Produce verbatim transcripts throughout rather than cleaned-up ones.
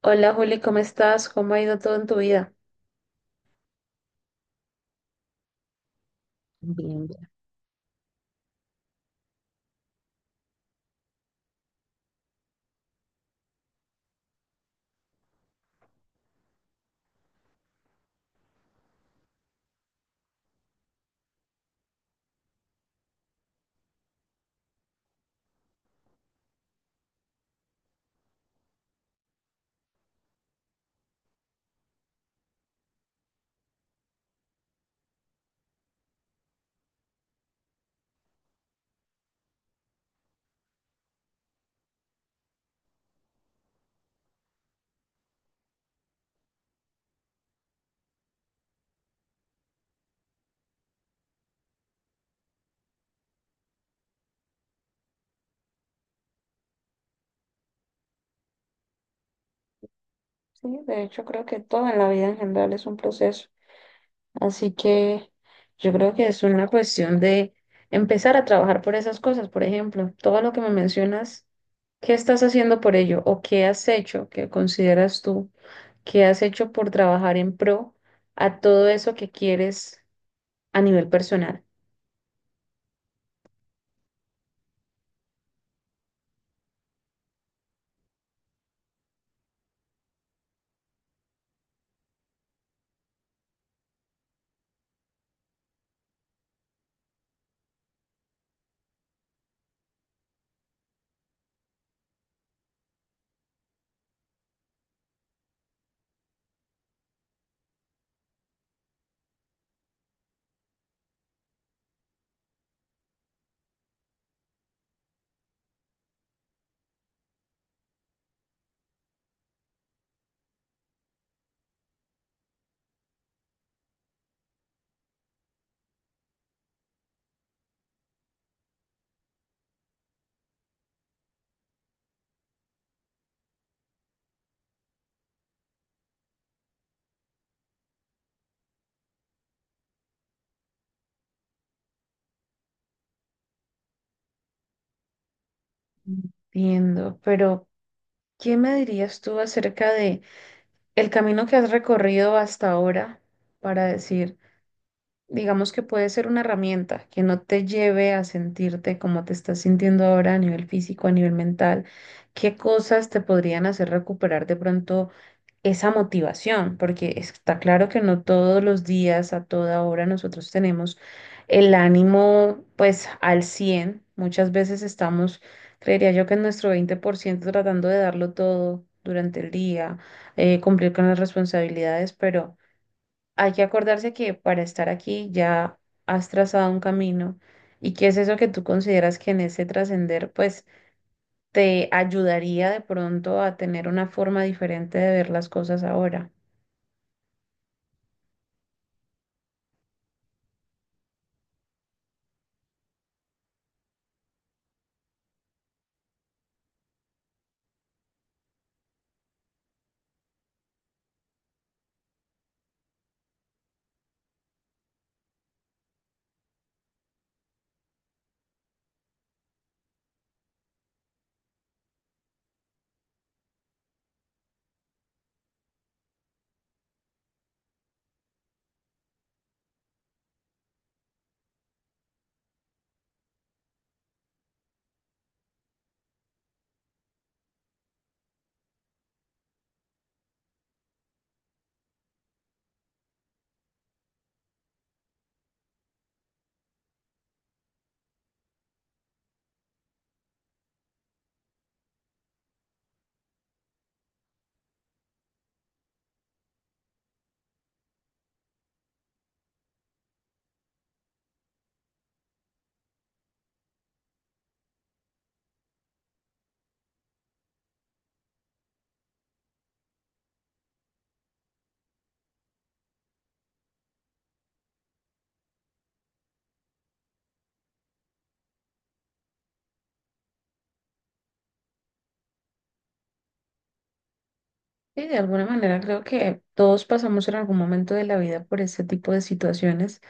Hola Juli, ¿cómo estás? ¿Cómo ha ido todo en tu vida? Bien, bien. Sí, de hecho creo que todo en la vida en general es un proceso. Así que yo creo que es una cuestión de empezar a trabajar por esas cosas, por ejemplo, todo lo que me mencionas, ¿qué estás haciendo por ello o qué has hecho, qué consideras tú, qué has hecho por trabajar en pro a todo eso que quieres a nivel personal? Entiendo, pero ¿qué me dirías tú acerca de el camino que has recorrido hasta ahora para decir, digamos que puede ser una herramienta que no te lleve a sentirte como te estás sintiendo ahora a nivel físico, a nivel mental? ¿Qué cosas te podrían hacer recuperar de pronto esa motivación? Porque está claro que no todos los días, a toda hora, nosotros tenemos el ánimo pues al cien. Muchas veces estamos, creería yo, que en nuestro veinte por ciento tratando de darlo todo durante el día, eh, cumplir con las responsabilidades, pero hay que acordarse que para estar aquí ya has trazado un camino, y qué es eso que tú consideras que en ese trascender pues te ayudaría de pronto a tener una forma diferente de ver las cosas ahora. Sí, de alguna manera creo que todos pasamos en algún momento de la vida por este tipo de situaciones,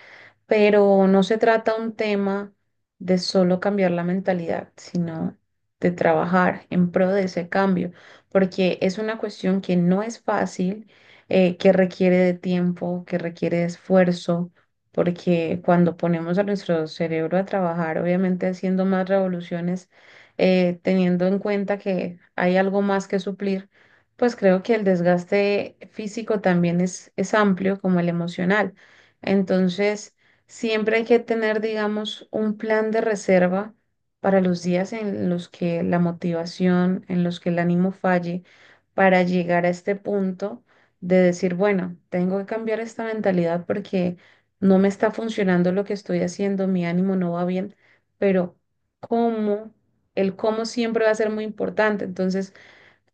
pero no se trata un tema de solo cambiar la mentalidad, sino de trabajar en pro de ese cambio, porque es una cuestión que no es fácil, eh, que requiere de tiempo, que requiere de esfuerzo, porque cuando ponemos a nuestro cerebro a trabajar, obviamente haciendo más revoluciones, eh, teniendo en cuenta que hay algo más que suplir, pues creo que el desgaste físico también es, es amplio como el emocional. Entonces, siempre hay que tener, digamos, un plan de reserva para los días en los que la motivación, en los que el ánimo falle, para llegar a este punto de decir, bueno, tengo que cambiar esta mentalidad porque no me está funcionando lo que estoy haciendo, mi ánimo no va bien, pero cómo, el cómo siempre va a ser muy importante. Entonces,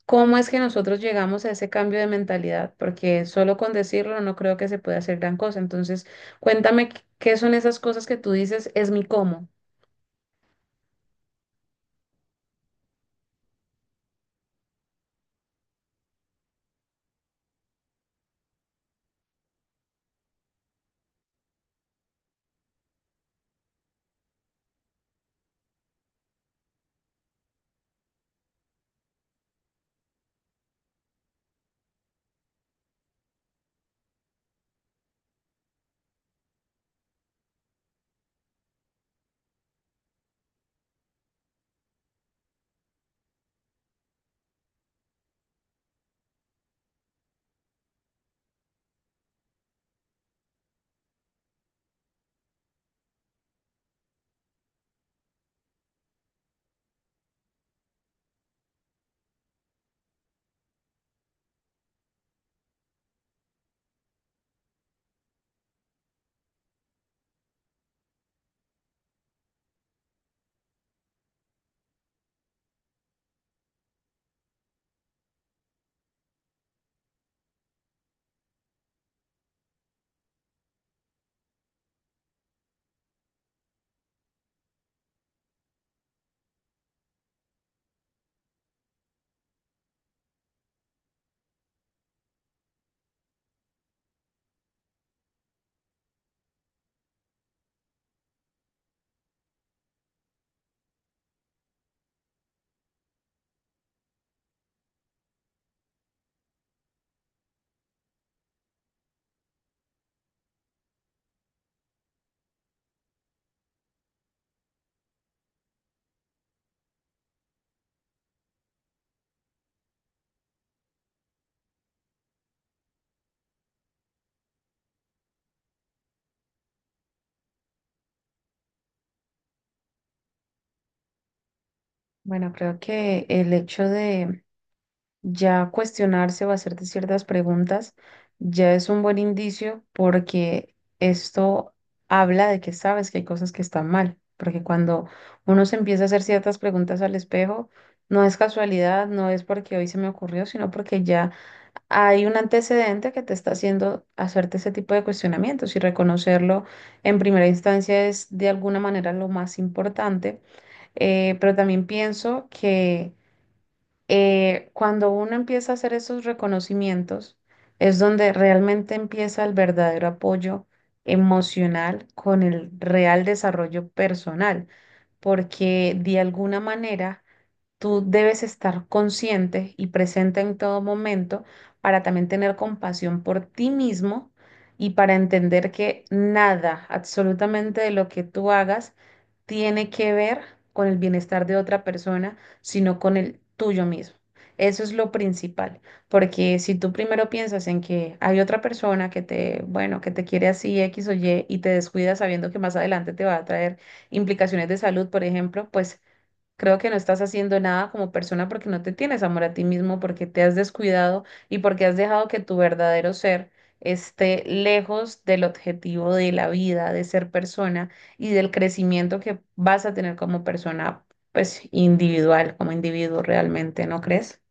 ¿cómo es que nosotros llegamos a ese cambio de mentalidad? Porque solo con decirlo no creo que se pueda hacer gran cosa. Entonces, cuéntame qué qué son esas cosas que tú dices, es mi cómo. Bueno, creo que el hecho de ya cuestionarse o hacerte ciertas preguntas ya es un buen indicio, porque esto habla de que sabes que hay cosas que están mal, porque cuando uno se empieza a hacer ciertas preguntas al espejo, no es casualidad, no es porque hoy se me ocurrió, sino porque ya hay un antecedente que te está haciendo hacerte ese tipo de cuestionamientos, y reconocerlo en primera instancia es de alguna manera lo más importante. Eh, pero también pienso que eh, cuando uno empieza a hacer esos reconocimientos es donde realmente empieza el verdadero apoyo emocional con el real desarrollo personal, porque de alguna manera tú debes estar consciente y presente en todo momento para también tener compasión por ti mismo y para entender que nada, absolutamente de lo que tú hagas, tiene que ver con el bienestar de otra persona, sino con el tuyo mismo. Eso es lo principal, porque si tú primero piensas en que hay otra persona que te, bueno, que te quiere así X o Y, y te descuidas sabiendo que más adelante te va a traer implicaciones de salud, por ejemplo, pues creo que no estás haciendo nada como persona, porque no te tienes amor a ti mismo, porque te has descuidado y porque has dejado que tu verdadero ser esté lejos del objetivo de la vida, de ser persona y del crecimiento que vas a tener como persona, pues individual, como individuo realmente, ¿no crees?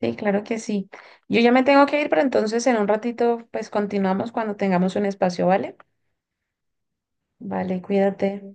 Sí, claro que sí. Yo ya me tengo que ir, pero entonces en un ratito, pues continuamos cuando tengamos un espacio, ¿vale? Vale, cuídate.